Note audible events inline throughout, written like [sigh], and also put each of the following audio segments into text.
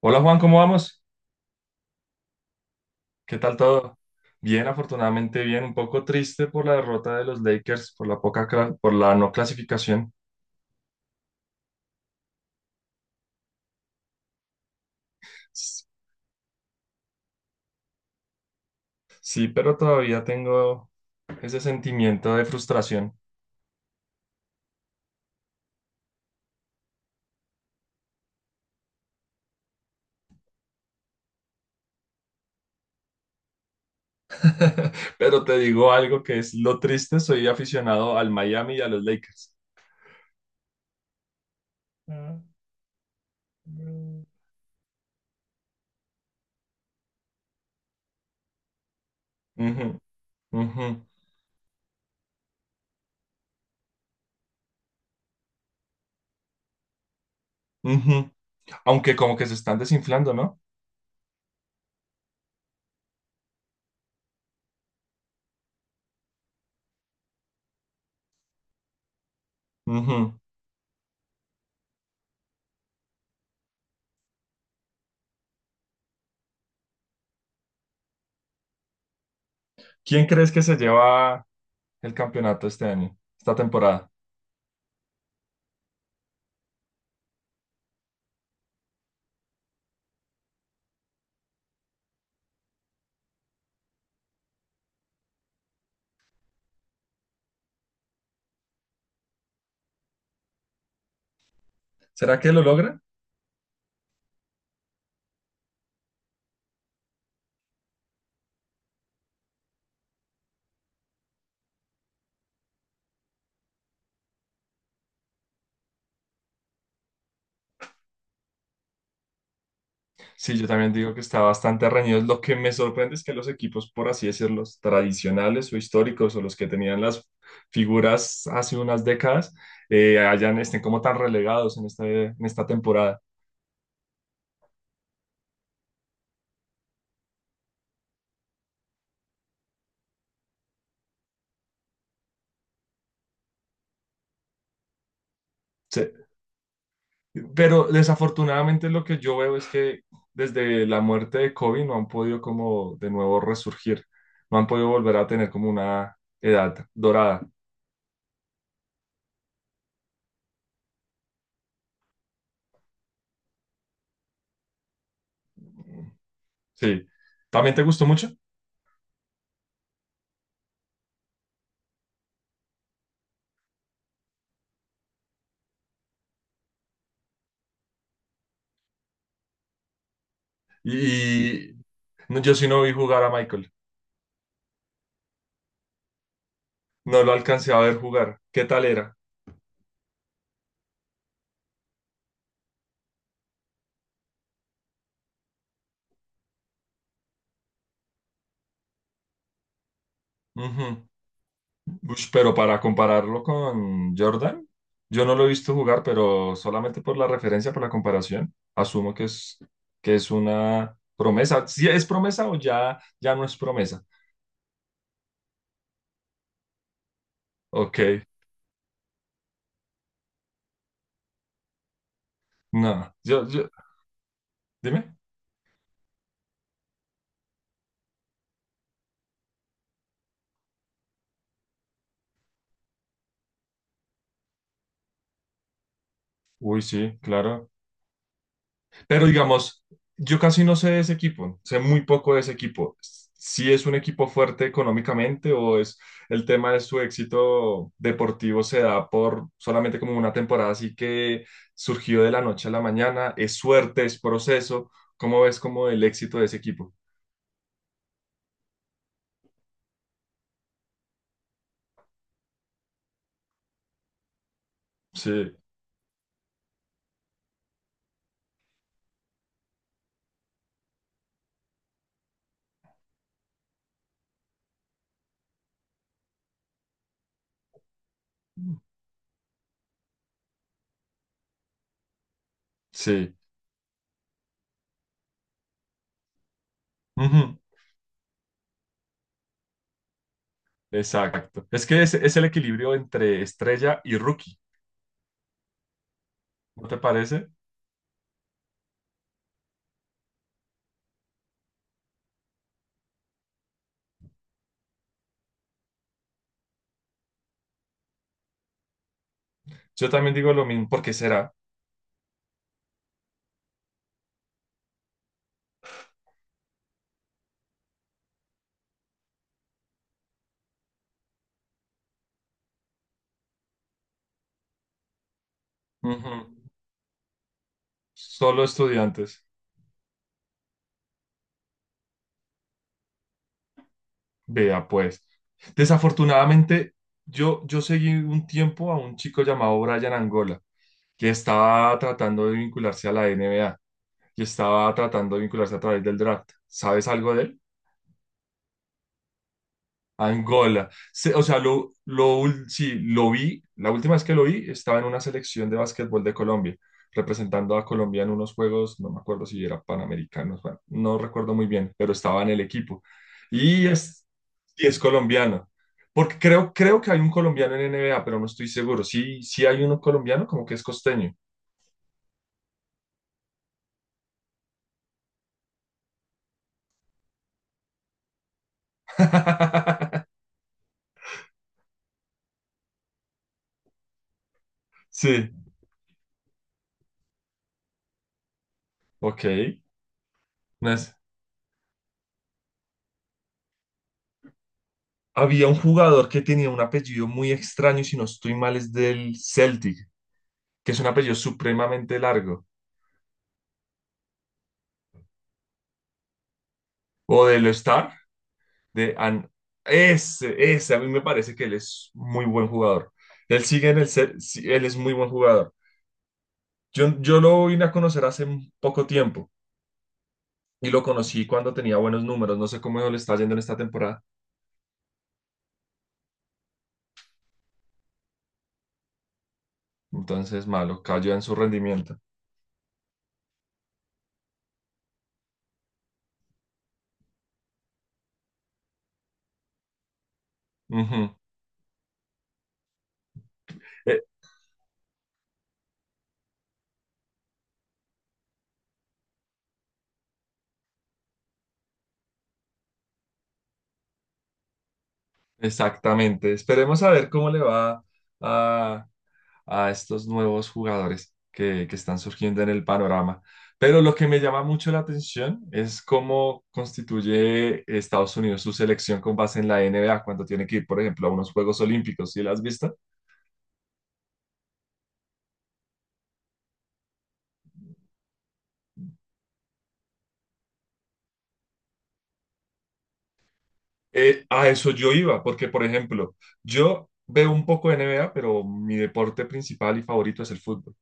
Hola Juan, ¿cómo vamos? ¿Qué tal todo? Bien, afortunadamente bien, un poco triste por la derrota de los Lakers, por la poca, por la no clasificación. S- Sí, pero todavía tengo ese sentimiento de frustración. [laughs] Pero te digo algo que es lo triste, soy aficionado al Miami y a los Lakers. Ah, mm. Ujú, ujú, ujú. Aunque como que se están desinflando, ¿no? Ujú. ¿Quién crees que se lleva el campeonato este año, esta temporada? ¿Será que lo logra? Sí, yo también digo que está bastante reñido. Lo que me sorprende es que los equipos, por así decirlo, tradicionales o históricos o los que tenían las figuras hace unas décadas, hayan, estén como tan relegados en esta temporada. Se- pero desafortunadamente lo que yo veo es que desde la muerte de Kobe no han podido como de nuevo resurgir, no han podido volver a tener como una edad dorada. Sí, ¿también te gustó mucho? Y no, yo sí no vi jugar a Michael. No lo alcancé a ver jugar. ¿Qué tal era? Ujú. Ush, pero para compararlo con Jordan, yo no lo he visto jugar, pero solamente por la referencia, por la comparación, asumo que es una promesa. ¿Si es promesa o ya no es promesa? Ok, no. Dime. Uy, sí, claro. Pero digamos, yo casi no sé de ese equipo, sé muy poco de ese equipo. Si es un equipo fuerte económicamente o es el tema de su éxito deportivo se da por solamente como una temporada así que surgió de la noche a la mañana, es suerte, es proceso. ¿Cómo ves como el éxito de ese equipo? Sí, sí. Ujú, exacto. Es que es el equilibrio entre estrella y rookie, ¿no te parece? Yo también digo lo mismo, ¿porque será? Ujú, solo estudiantes. Vea, pues, desafortunadamente, yo seguí un tiempo a un chico llamado Brian Angola, que estaba tratando de vincularse a la NBA y estaba tratando de vincularse a través del draft. ¿Sabes algo de él? Angola. Se- o sea, sí, lo vi, la última vez que lo vi estaba en una selección de básquetbol de Colombia, representando a Colombia en unos juegos, no me acuerdo si era Panamericanos, bueno, no recuerdo muy bien, pero estaba en el equipo. Y es, y es colombiano, porque creo que hay un colombiano en NBA, pero no estoy seguro. Sí, sí hay uno colombiano, como que es costeño. [laughs] Sí, ok. No es- Había un jugador que tenía un apellido muy extraño, si no estoy mal, es del Celtic, que es un apellido supremamente largo, o de lo Star, de An, ese, a mí me parece que él es muy buen jugador. Él sigue en el ser, sí, él es muy buen jugador. Yo lo vine a conocer hace un poco tiempo y lo conocí cuando tenía buenos números. No sé cómo le está yendo en esta temporada. Entonces, malo, cayó en su rendimiento. Ujú. Eh, exactamente. Esperemos a ver cómo le va a, a estos nuevos jugadores que están surgiendo en el panorama. Pero lo que me llama mucho la atención es cómo constituye Estados Unidos su selección con base en la NBA cuando tiene que ir, por ejemplo, a unos Juegos Olímpicos, ¿sí las has visto? A eso yo iba, porque, por ejemplo, yo veo un poco de NBA, pero mi deporte principal y favorito es el fútbol.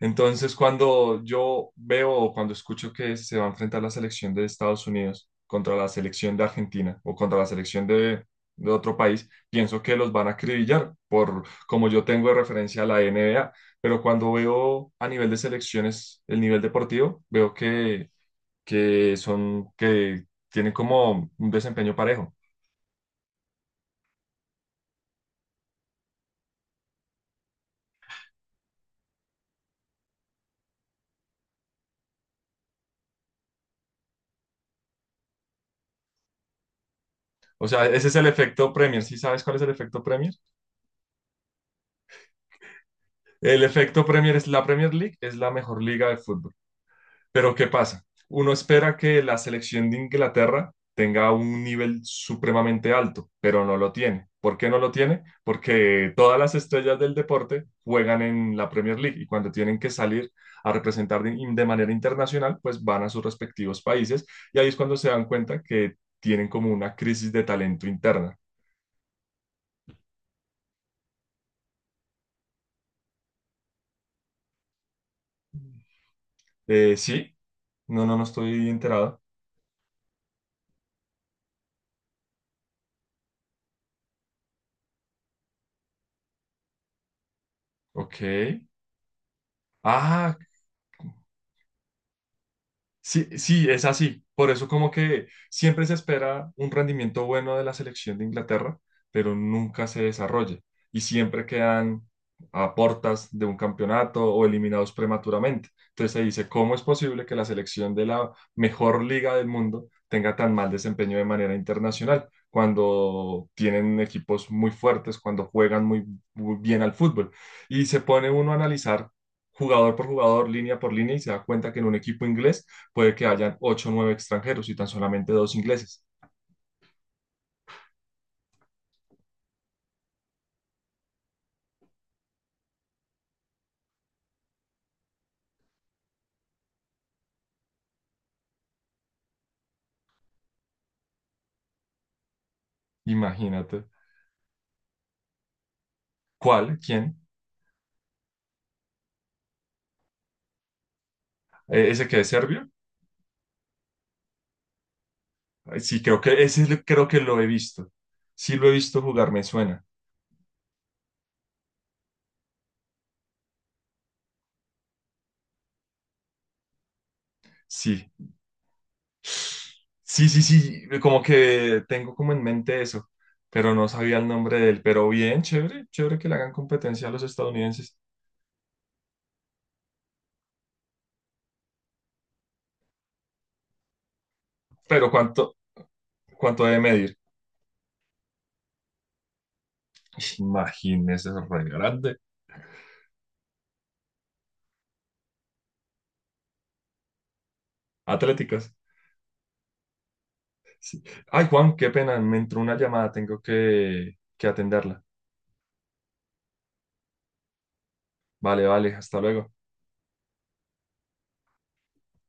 Entonces, cuando yo veo o cuando escucho que se va a enfrentar la selección de Estados Unidos contra la selección de Argentina o contra la selección de otro país, pienso que los van a acribillar, por como yo tengo de referencia a la NBA. Pero cuando veo a nivel de selecciones el nivel deportivo, veo que son, que tienen como un desempeño parejo. O sea, ese es el efecto Premier. ¿Sí sabes cuál es el efecto Premier? El efecto Premier es la Premier League, es la mejor liga de fútbol. Pero ¿qué pasa? Uno espera que la selección de Inglaterra tenga un nivel supremamente alto, pero no lo tiene. ¿Por qué no lo tiene? Porque todas las estrellas del deporte juegan en la Premier League y cuando tienen que salir a representar de manera internacional, pues van a sus respectivos países y ahí es cuando se dan cuenta que tienen como una crisis de talento interna. Sí, no estoy enterado. Ok. Ah, sí, sí, es así. Por eso como que siempre se espera un rendimiento bueno de la selección de Inglaterra, pero nunca se desarrolla y siempre quedan a portas de un campeonato o eliminados prematuramente. Entonces se dice, ¿cómo es posible que la selección de la mejor liga del mundo tenga tan mal desempeño de manera internacional cuando tienen equipos muy fuertes, cuando juegan muy bien al fútbol? Y se pone uno a analizar jugador por jugador, línea por línea, y se da cuenta que en un equipo inglés puede que hayan ocho o nueve extranjeros y tan solamente dos ingleses. Imagínate. ¿Cuál? ¿Quién? ¿Ese que es serbio? Sí, creo que creo que lo he visto. Sí lo he visto jugar, me suena. Sí. Sí, como que tengo como en mente eso, pero no sabía el nombre de él. Pero bien, chévere, chévere que le hagan competencia a los estadounidenses. Pero ¿cuánto debe medir? Imagínese, es re grande. Atléticas. Sí. Ay, Juan, qué pena, me entró una llamada, tengo que atenderla. Vale, vale, hasta luego.